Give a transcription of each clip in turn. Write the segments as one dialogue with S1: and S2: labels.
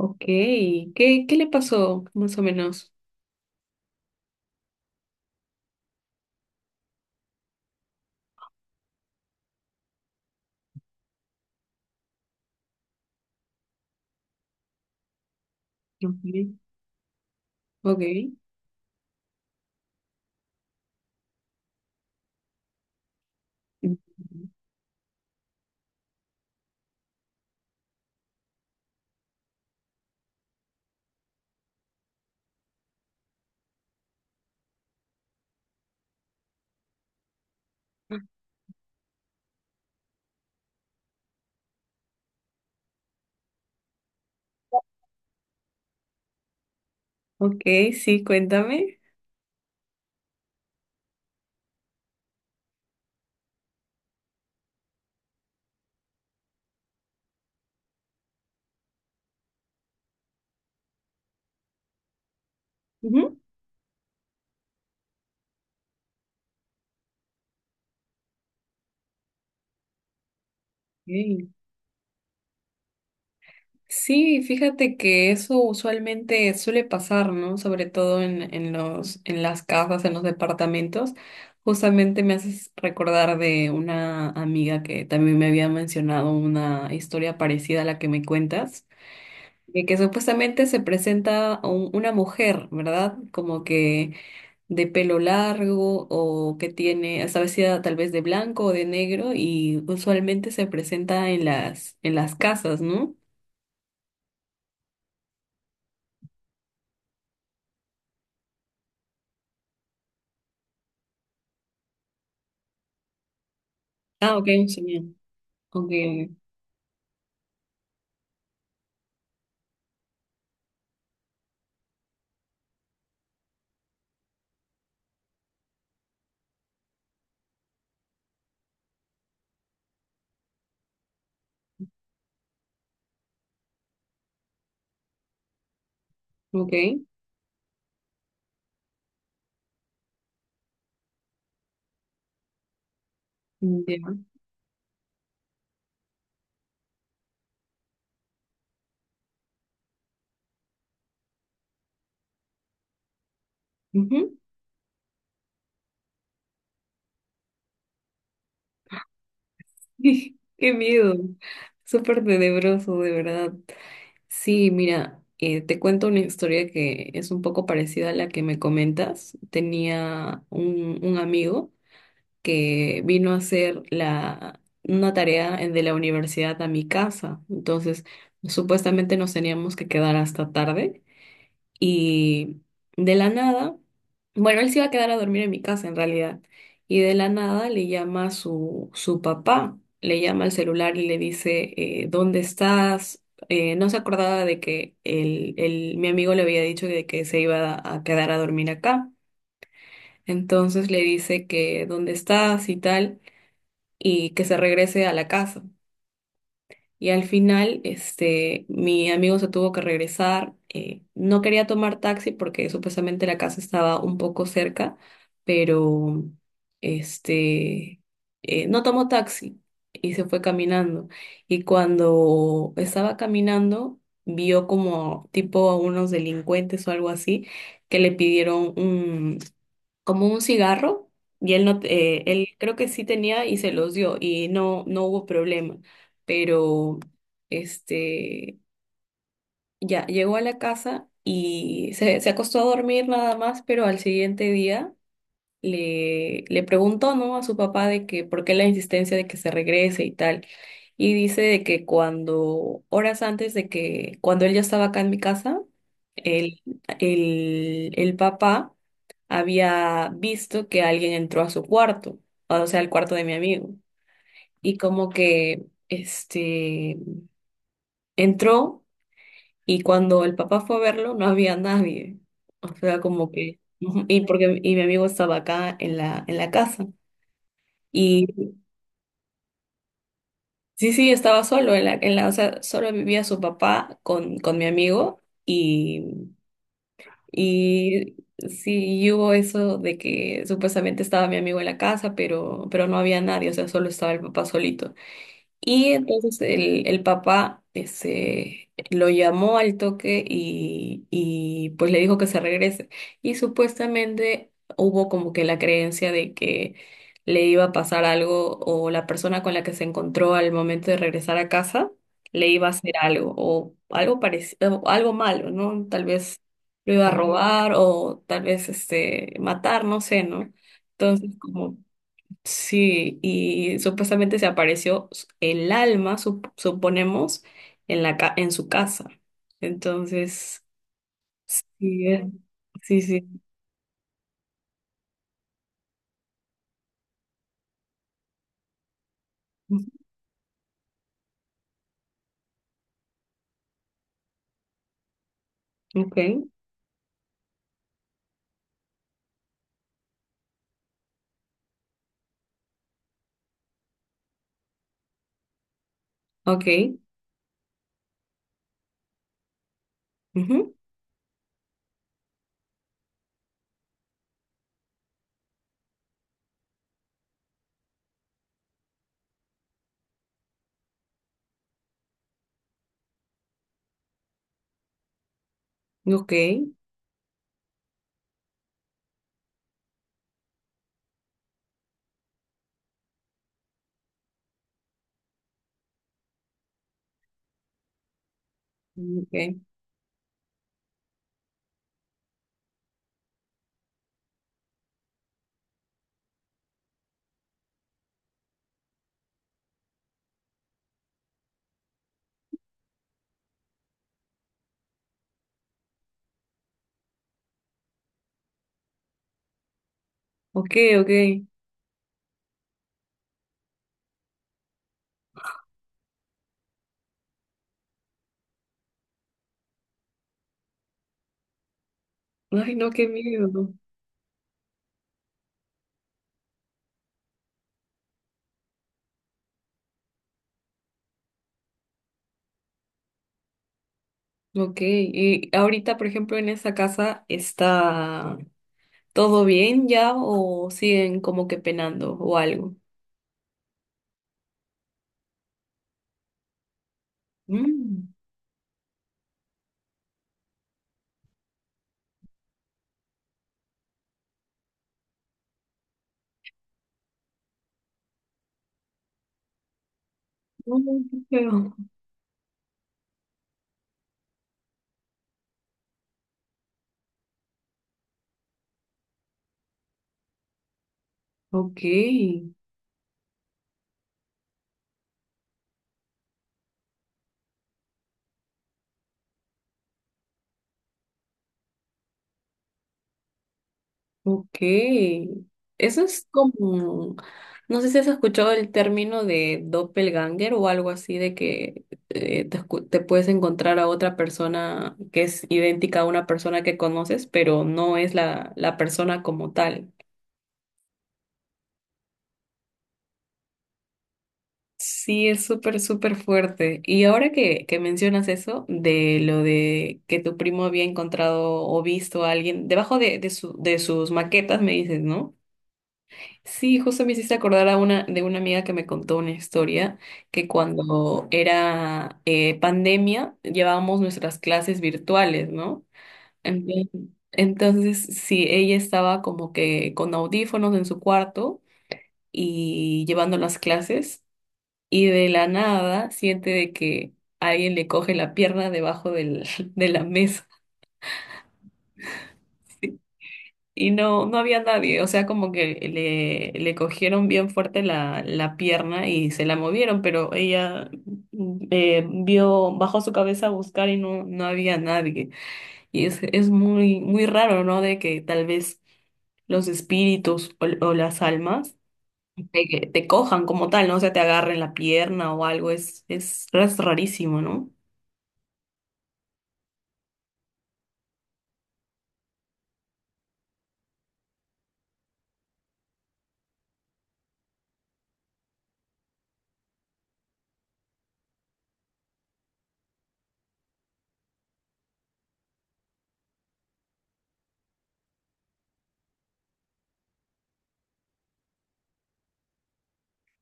S1: Ok, ¿qué le pasó más o menos? Ok, ok. Ujú. Ok, sí, cuéntame. Ujú. Ok. Sí, fíjate que eso usualmente suele pasar, ¿no? Sobre todo en las casas, en los departamentos. Justamente me haces recordar de una amiga que también me había mencionado una historia parecida a la que me cuentas, de que supuestamente se presenta una mujer, ¿verdad? Como que de pelo largo o que tiene, está vestida tal vez de blanco o de negro y usualmente se presenta en las casas, ¿no? Ah, ok, sí, bien. Ok, ok, mm, ya. Ujú. Qué miedo. Súper tenebroso, de verdad. Sí, mira, te cuento una historia que es un poco parecida a la que me comentas. Tenía un amigo que vino a hacer una tarea de la universidad a mi casa. Entonces, supuestamente nos teníamos que quedar hasta tarde y de la nada, bueno, él se iba a quedar a dormir en mi casa en realidad, y de la nada le llama a su papá, le llama al celular y le dice, ¿dónde estás? No se acordaba de que mi amigo le había dicho de que se iba a quedar a dormir acá. Entonces le dice que dónde estás y tal, y que se regrese a la casa. Y al final, este, mi amigo se tuvo que regresar. No quería tomar taxi porque supuestamente la casa estaba un poco cerca, pero este, no tomó taxi y se fue caminando. Y cuando estaba caminando, vio como tipo a unos delincuentes o algo así, que le pidieron como un cigarro y él no te- él creo que sí tenía y se los dio y no hubo problema. Pero este, ya llegó a la casa y se acostó a dormir nada más, pero al siguiente día le preguntó, ¿no?, a su papá de que por qué la insistencia de que se regrese y tal, y dice de que cuando, horas antes de que, cuando él ya estaba acá en mi casa, el, el papá había visto que alguien entró a su cuarto, o sea, al cuarto de mi amigo. Y como que, este, entró y cuando el papá fue a verlo, no había nadie. O sea, como que, ujú, y porque, y mi amigo estaba acá en la casa. Sí, sí, estaba solo en la, o sea, solo vivía su papá con mi amigo. Y, y sí, y hubo eso de que supuestamente estaba mi amigo en la casa, pero no había nadie, o sea, solo estaba el papá solito. Y entonces el papá ese, lo llamó al toque y pues le dijo que se regrese. Y supuestamente hubo como que la creencia de que le iba a pasar algo, o la persona con la que se encontró al momento de regresar a casa le iba a hacer algo, o algo parecido, algo malo, ¿no? Tal vez lo iba a robar o tal vez este, matar, no sé, ¿no? Entonces, como, sí, y supuestamente se apareció el alma, suponemos, en en su casa. Entonces, sí, es- sí, sí. Ujú. Ok, ok, ujú, ok, ok, ok, ok. Ay, no, qué miedo. Ok, y ahorita, por ejemplo, en esa casa, ¿está todo bien ya o siguen como que penando o algo? Mm, no, no, no, pero- Ok. Ok, eso es como, no sé si has escuchado el término de doppelganger o algo así, de que te puedes encontrar a otra persona que es idéntica a una persona que conoces, pero no es la persona como tal. Sí, es súper, súper fuerte. Y ahora que mencionas eso, de lo de que tu primo había encontrado o visto a alguien debajo de sus maquetas, me dices, ¿no? Sí, justo me hiciste acordar a una, de una amiga que me contó una historia, que cuando era pandemia llevábamos nuestras clases virtuales, ¿no? Entonces, entonces, sí, ella estaba como que con audífonos en su cuarto y llevando las clases, y de la nada siente de que alguien le coge la pierna debajo de la mesa. Y no, no había nadie, o sea, como que le cogieron bien fuerte la pierna y se la movieron, pero ella vio, bajó su cabeza a buscar y no, no había nadie. Y es muy, muy raro, ¿no? De que tal vez los espíritus o las almas te, cojan como tal, ¿no? O sea, te agarren la pierna o algo, es rarísimo, ¿no?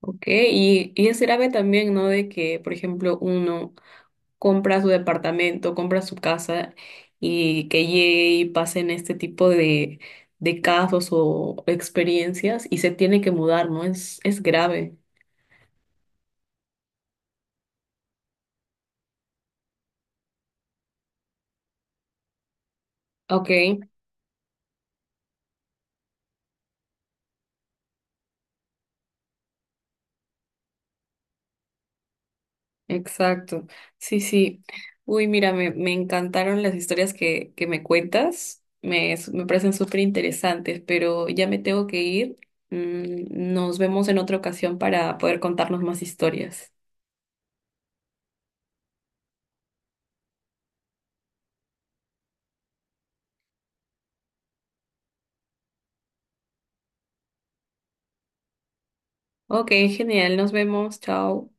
S1: Ok, y es grave también, ¿no? De que, por ejemplo, uno compra su departamento, compra su casa, y que llegue y pasen este tipo de casos o experiencias y se tiene que mudar, ¿no? Es grave. Ok, exacto. Sí, sí. Uy, mira, me encantaron las historias que me cuentas. Me parecen súper interesantes, pero ya me tengo que ir. Mm, nos vemos en otra ocasión para poder contarnos más historias. Ok, genial. Nos vemos. Chao.